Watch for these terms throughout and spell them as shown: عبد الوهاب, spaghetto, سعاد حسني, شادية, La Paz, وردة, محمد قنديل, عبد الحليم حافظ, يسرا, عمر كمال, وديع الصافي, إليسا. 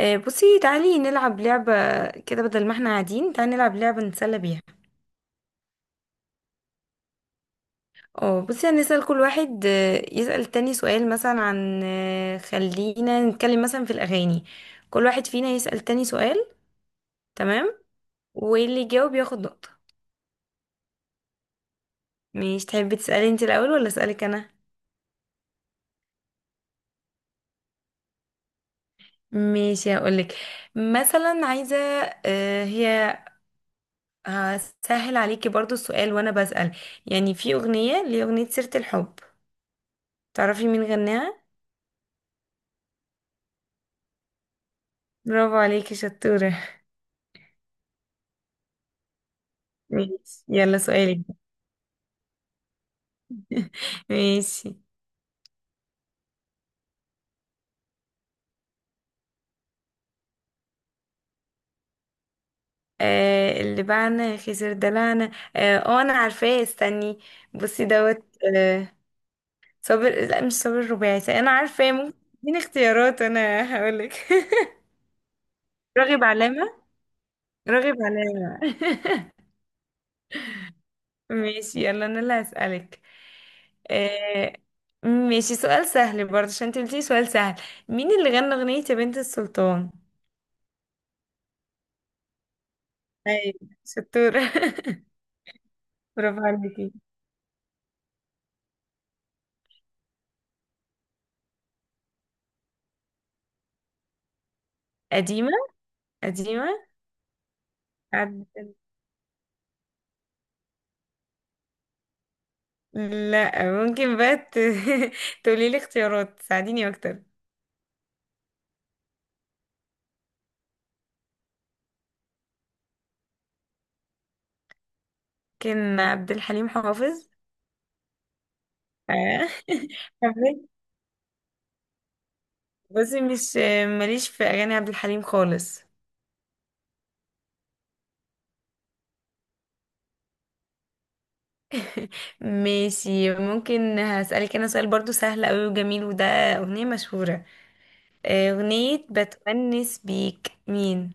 بصي تعالي نلعب لعبة كده، بدل ما احنا قاعدين. تعالي نلعب لعبة نتسلى بيها. اه بصي، هنسأل كل واحد، يسأل التاني سؤال، مثلا عن، خلينا نتكلم مثلا في الأغاني. كل واحد فينا يسأل تاني سؤال. تمام. واللي يجاوب ياخد نقطة. مش تحبي تسألي انت الأول ولا أسألك أنا؟ ماشي، هقولك. مثلا عايزة، هي هسهل عليكي برضو السؤال وأنا بسأل. يعني في أغنية، سيرة الحب، تعرفي مين غناها؟ برافو عليكي، شطورة. ماشي، يلا سؤالي. ماشي. آه، اللي بعنا خسر دلعنا. انا عارفاه، استني. بصي دوت. آه. صابر، لا، مش صابر. الرباعي، انا عارفاه. ممكن تديني اختيارات انا هقولك. راغب علامة. راغب علامة. ماشي، يلا انا اللي هسألك. آه. ماشي، سؤال سهل برضه عشان انت قلتي سؤال سهل. مين اللي غنى أغنية يا بنت السلطان؟ ايوه، شطورة. برافو عليكي. قديمة، قديمة. عد... لا، ممكن بقى تقولي لي اختيارات تساعديني اكتر. ممكن عبد الحليم حافظ. آه. حافظ. بصي، مش ماليش في اغاني عبد الحليم خالص. ماشي، ممكن هسألك انا سؤال برضو سهل قوي وجميل، وده اغنية مشهورة. اغنية بتونس بيك مين؟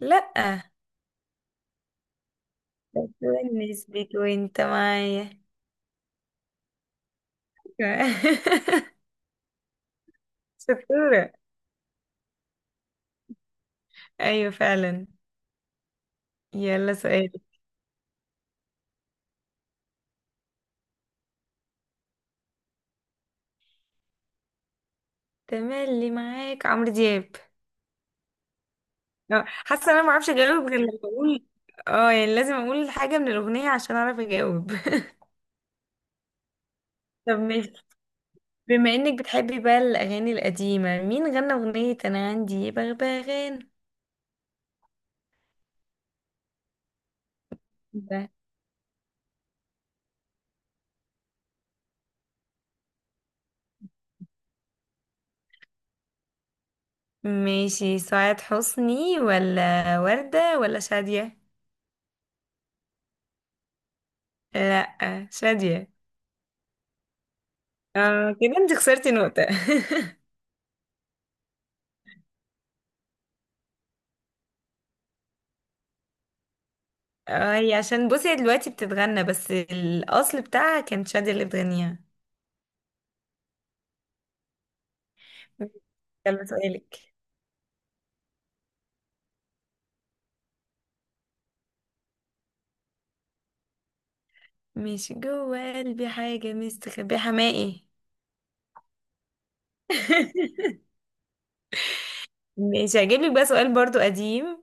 لا. بتونس بيك وانت معايا. شطورة. ايوه فعلا. يلا سؤال. تملي معاك عمرو دياب. حاسه انا ما اعرفش اجاوب غير لما اقول. اه يعني لازم اقول حاجه من الاغنيه عشان اعرف اجاوب. طب ماشي. بما انك بتحبي بقى الاغاني القديمه، مين غنى اغنيه انا عندي بغبغان؟ ده ماشي. سعاد حسني ولا وردة ولا شادية؟ لا، شادية. اه كده انت خسرتي نقطة. اه هي عشان بصي، هي دلوقتي بتتغنى، بس الاصل بتاعها كانت شادية اللي بتغنيها. يلا سؤالك. مش جوه قلبي حاجة مستخبية، حماقي. مش هجيب لك بقى سؤال برضو قديم.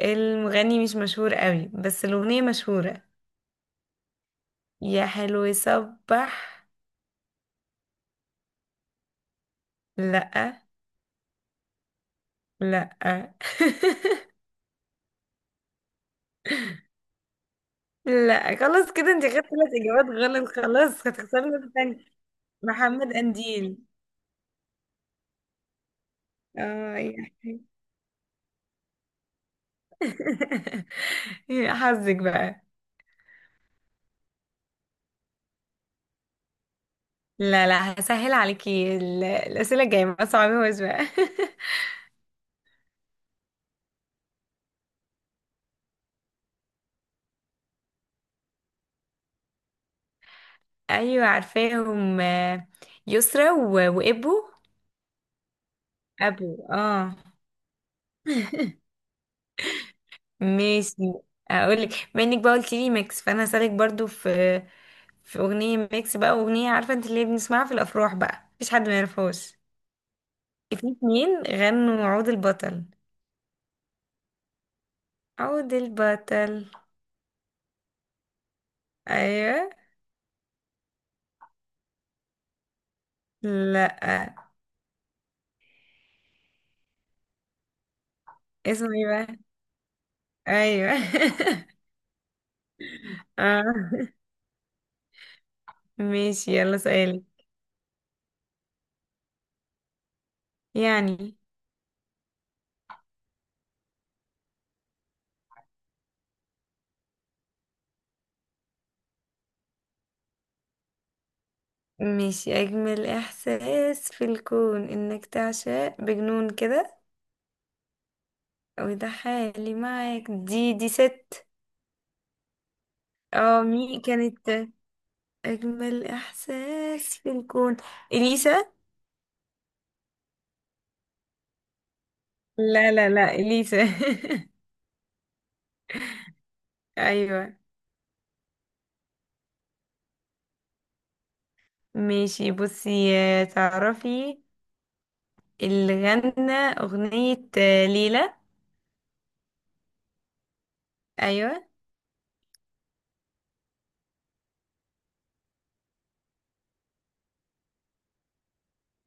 المغني مش مشهور قوي بس الأغنية مشهورة. يا حلو يصبح. لأ. لأ. لأ. خلاص كده انت خدت ثلاث إجابات غلط، خلاص هتخسري نقطة تانية. محمد قنديل. اه يا حلو. يا حظك بقى. لا لا، هسهل عليكي الأسئلة الجاية، ما صعبهاش بقى. ايوه عارفاهم. يسرا وابو. ابو، اه. ماشي. اقولك، بما انك بقى قلت لي ميكس، فانا هسألك برضو في، في اغنيه ميكس بقى. اغنيه عارفه انت اللي بنسمعها في الافراح بقى، مفيش حد ما يعرفهاش. في اتنين غنوا عود البطل. عود البطل. ايوه. لا. اسمه ايه بقى؟ ايوه. اه. ماشي، يلا سؤالي. يعني. ماشي. أجمل إحساس في الكون إنك تعشق بجنون كده، وده حالي معاك. دي ست. اه مي كانت، أجمل إحساس في الكون، إليسا. لا لا لا، إليسا. أيوة. ماشي. بصي تعرفي اللي غنى أغنية ليلى؟ أيوة.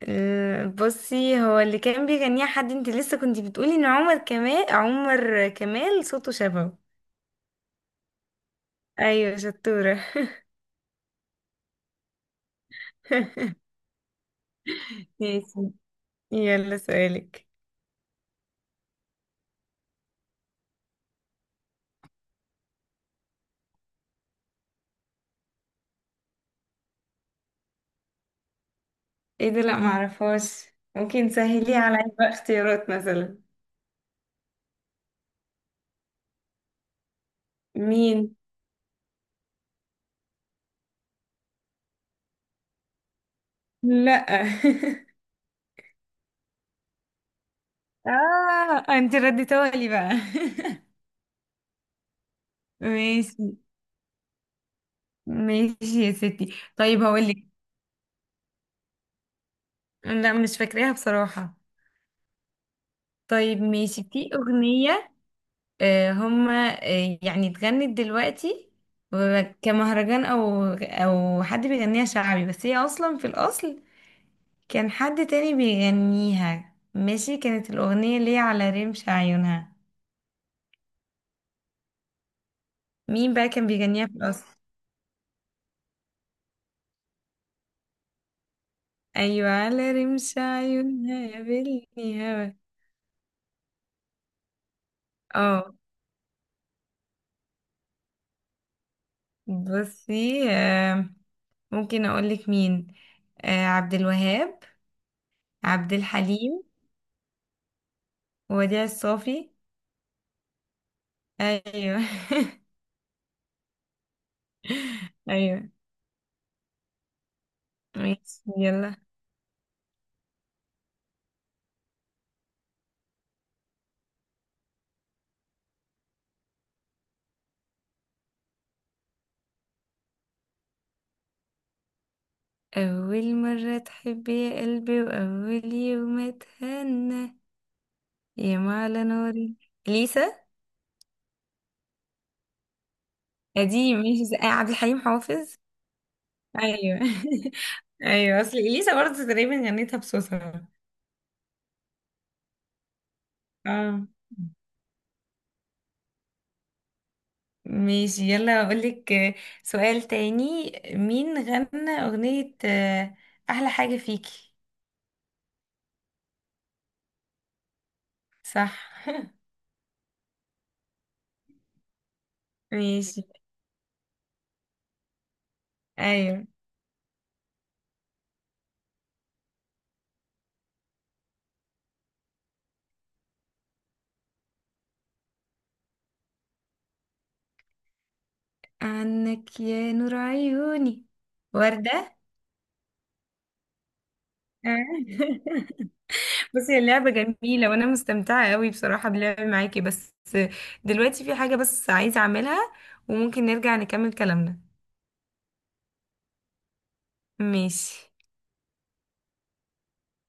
بصي، هو اللي كان بيغنيها حد انت لسه كنت بتقولي ان عمر كمال، عمر كمال، صوته شبهه. ايوه شطورة. ماشي، يلا سؤالك. ايه ده، لا معرفهاش. ممكن سهليه على بقى، اختيارات مثلا. مين؟ لا. اه انت رديتها لي بقى. ماشي. ماشي يا ستي، طيب هقول لك. لا مش فاكراها بصراحة. طيب ماشي. في أغنية، هما، يعني اتغنت دلوقتي كمهرجان، او او حد بيغنيها شعبي، بس هي اصلا في الاصل كان حد تاني بيغنيها. ماشي. كانت الأغنية ليه على رمش عيونها. مين بقى كان بيغنيها في الأصل؟ أيوة، على رمش عيونها يا بني هوا. اه بصي ممكن أقولك مين. عبد الوهاب، عبد الحليم، وديع الصافي. أيوة. أيوة. ماشي يلا. أول مرة تحب يا قلبي وأول يوم أتهنى، يا معلى نوري ليسا. دي ماشي عبد الحليم حافظ. ايوه. ايوه اصل اليسا برضه تقريبا غنيتها بصوصها. اه ماشي، يلا اقولك سؤال تاني. مين غنى اغنية احلى حاجة فيكي؟ صح. ماشي. ايوه. عنك يا نور عيوني. وردة. بصي اللعبة جميلة وأنا مستمتعة قوي بصراحة باللعب معاكي، بس دلوقتي في حاجة بس عايزة أعملها، وممكن نرجع نكمل كلامنا. ماشي.